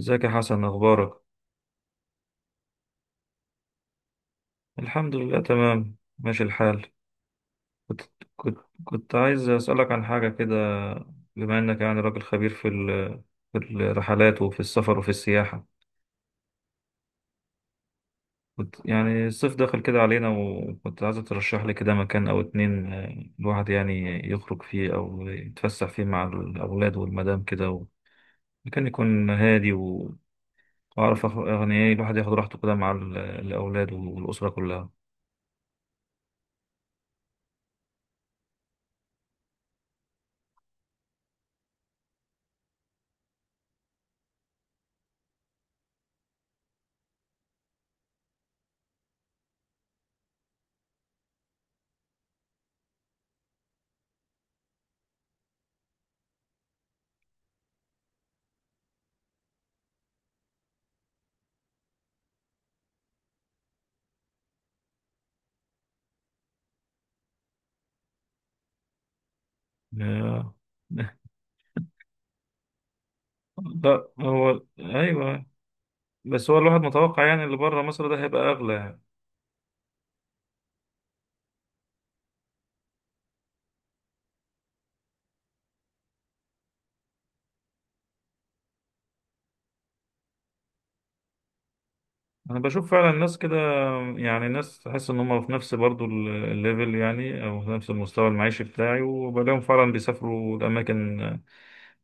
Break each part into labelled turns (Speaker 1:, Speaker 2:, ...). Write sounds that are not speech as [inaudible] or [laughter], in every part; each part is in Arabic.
Speaker 1: ازيك يا حسن، اخبارك؟ الحمد لله، تمام ماشي الحال. كنت كنت كنت عايز اسالك عن حاجه كده. بما انك يعني راجل خبير في الرحلات وفي السفر وفي السياحه. كنت يعني الصيف داخل كده علينا، وكنت عايز ترشح لي كده مكان او اتنين، الواحد يعني يخرج فيه او يتفسح فيه مع الاولاد والمدام كده مكان يكون هادي واعرف يعني ايه الواحد ياخد راحته كده مع الاولاد والاسره كلها. آه، لا، هو ايوه، بس هو الواحد متوقع يعني اللي بره مصر ده هيبقى اغلى يعني. انا بشوف فعلا الناس كده، يعني الناس تحس ان هم في نفس برضو الليفل يعني، او في نفس المستوى المعيشي بتاعي، وبلاقيهم فعلا بيسافروا لاماكن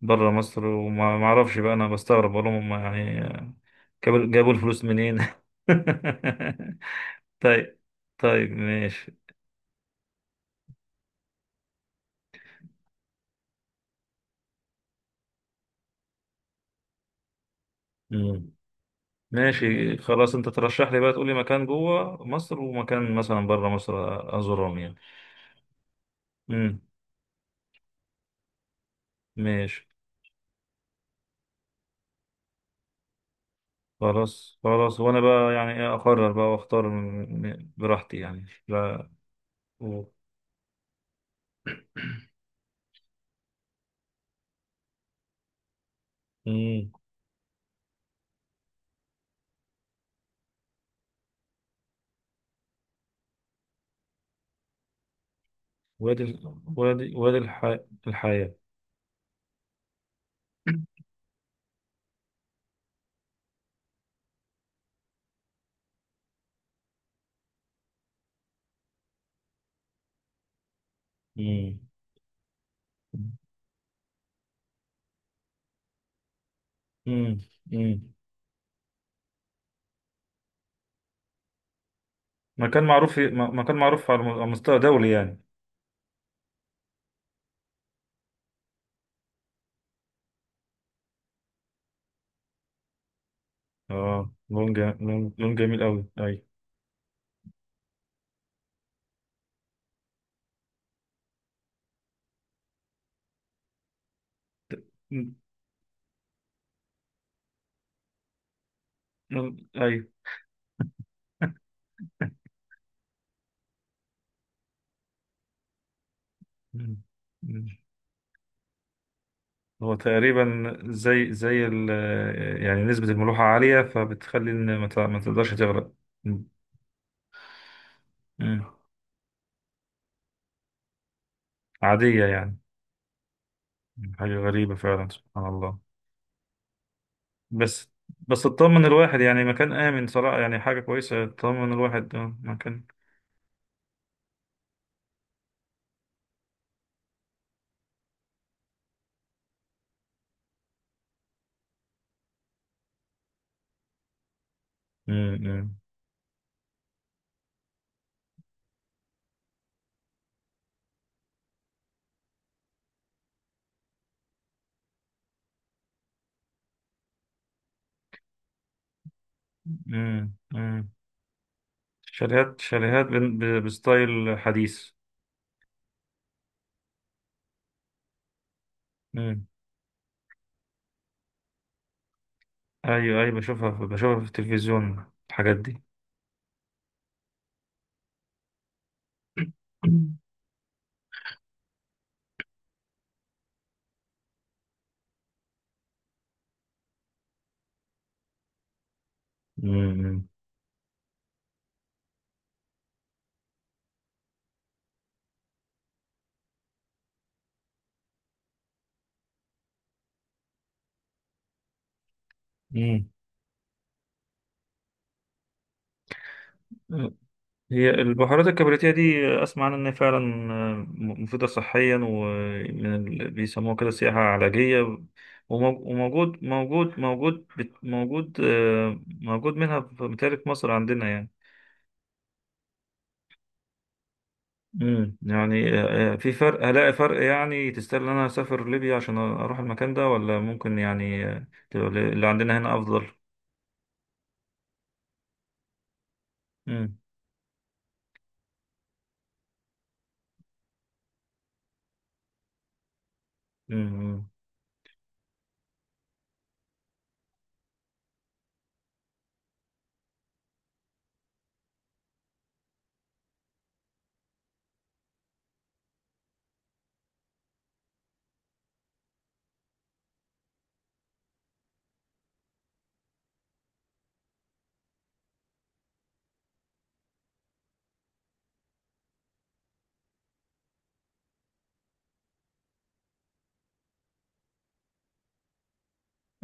Speaker 1: بره مصر، وما ما اعرفش بقى، انا بستغرب بقول لهم، هم يعني جابوا الفلوس منين؟ [laughs] طيب، طيب ماشي. مم. ماشي خلاص، انت ترشح لي بقى، تقول لي مكان جوه مصر ومكان مثلا بره مصر ازورهم يعني. مم. ماشي. خلاص خلاص، وانا بقى يعني ايه اقرر بقى واختار براحتي يعني، لا. و... مم. وادي ال- وادي وادي الح... الحياة. مم. مم. مم. مكان معروف على مستوى دولي يعني. اه، لون جميل قوي، اي. مم. لون، اي. مم. مم. هو تقريبا زي يعني نسبة الملوحة عالية، فبتخلي ان ما تقدرش تغرق. مم. مم. عادية يعني. حاجة غريبة فعلا، سبحان الله. بس. بس تطمن الواحد يعني، مكان آمن صراحة، يعني حاجة كويسة تطمن الواحد. مكان. امم امم امم شاليهات شاليهات بستايل حديث. امم. ايوه ايوه، بشوفها في التلفزيون الحاجات دي. امم. امم. هي البهارات الكبريتية دي، أسمع عنها إن هي فعلا مفيدة صحيا، ومن بيسموها كده سياحة علاجية. ومو- وموجود موجود موجود بت- موجود آه، موجود منها متهيألي في مصر عندنا يعني. امم. يعني في فرق، هلاقي فرق يعني؟ تستاهل إن أنا أسافر ليبيا عشان أروح المكان ده، ولا ممكن يعني تبقى اللي عندنا هنا أفضل؟ امم. امم.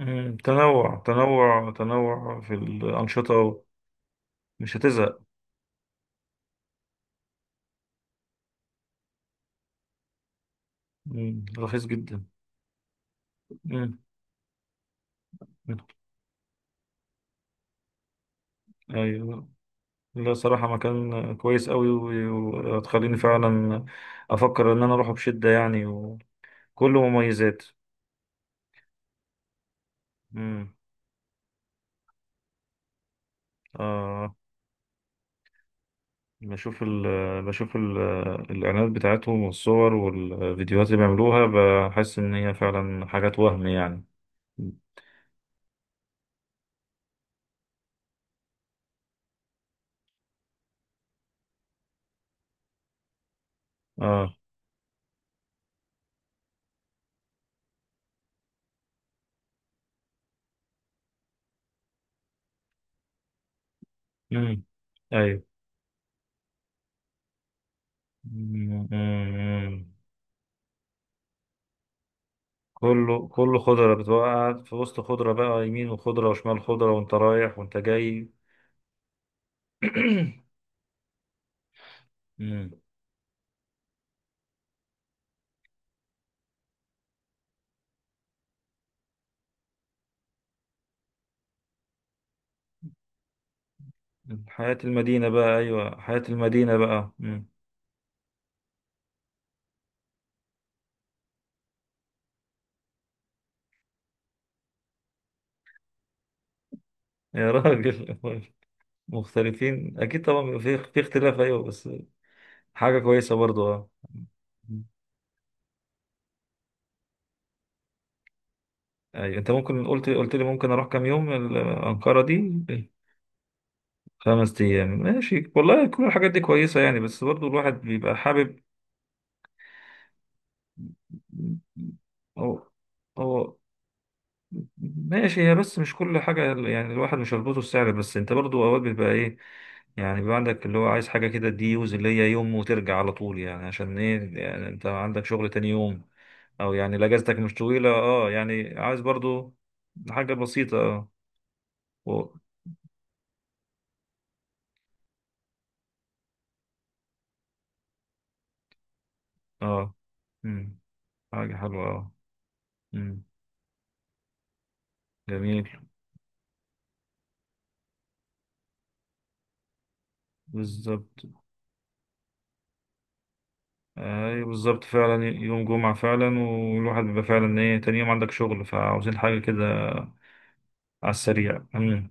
Speaker 1: أمم. تنوع تنوع تنوع في الأنشطة. مش هتزهق. مم، رخيص جدا. مم. ايوه. لا، صراحة مكان كويس قوي، وتخليني فعلا افكر ان انا اروحه بشدة يعني، وكله مميزات. امم. آه بشوف ال بشوف الاعلانات بتاعتهم والصور والفيديوهات اللي بيعملوها، بحس ان هي فعلا حاجات وهم يعني. اه. امم. ايوه. مم. مم. كله كله خضرة، بتبقى قاعد في وسط خضرة بقى، يمين وخضرة وشمال خضرة وانت رايح وانت جاي. [clears throat] مم. حياة المدينة بقى، أيوة، حياة المدينة بقى. مم. يا راجل. [laughs] مختلفين أكيد طبعا، بيبقى في اختلاف، أيوة، بس حاجة كويسة برضو، أه. مم. أيوة، أنت ممكن قلت لي ممكن أروح كام يوم أنقرة دي؟ خمس أيام، ماشي والله. كل الحاجات دي كويسة يعني، بس برضو الواحد بيبقى حابب. هو. هو. ماشي، هي بس مش كل حاجة يعني، الواحد مش هيربطه السعر بس، انت برضو اوقات بيبقى ايه، يعني بيبقى عندك اللي هو عايز حاجة كده دي يوز، اللي هي يوم وترجع على طول يعني، عشان ايه يعني انت عندك شغل تاني يوم. او يعني لا، اجازتك مش طويلة، اه يعني عايز برضو حاجة بسيطة، اه. و- اه. مم. حاجة حلوة، اه. مم. جميل. بالظبط. ايوه، بالظبط، فعلا يوم جمعة، فعلا، والواحد بيبقى فعلا ايه، تاني يوم عندك شغل، فعاوزين حاجة كده على السريع. مم.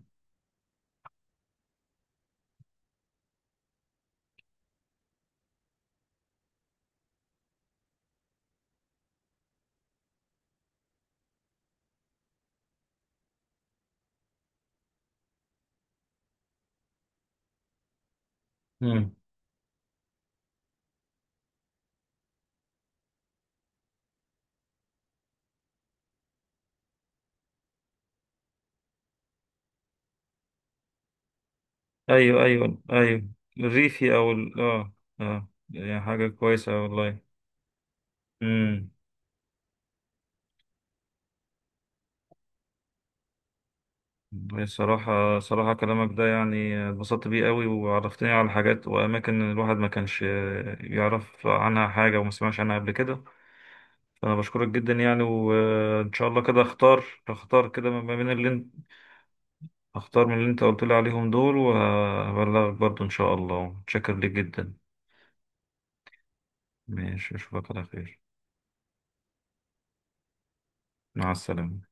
Speaker 1: مم. ايوه ايوه ايوه. الريفي او اه. اه يعني حاجه كويسه والله. امم. صراحه صراحه، كلامك ده يعني اتبسطت بيه قوي، وعرفتني على حاجات واماكن الواحد ما كانش يعرف عنها حاجه وما سمعش عنها قبل كده، فانا بشكرك جدا يعني. وان شاء الله كده اختار كده ما بين اللي انت اختار من اللي انت قلت لي عليهم دول، وهبلغك برضو ان شاء الله. متشكر ليك جدا. ماشي، اشوفك على خير. مع السلامه.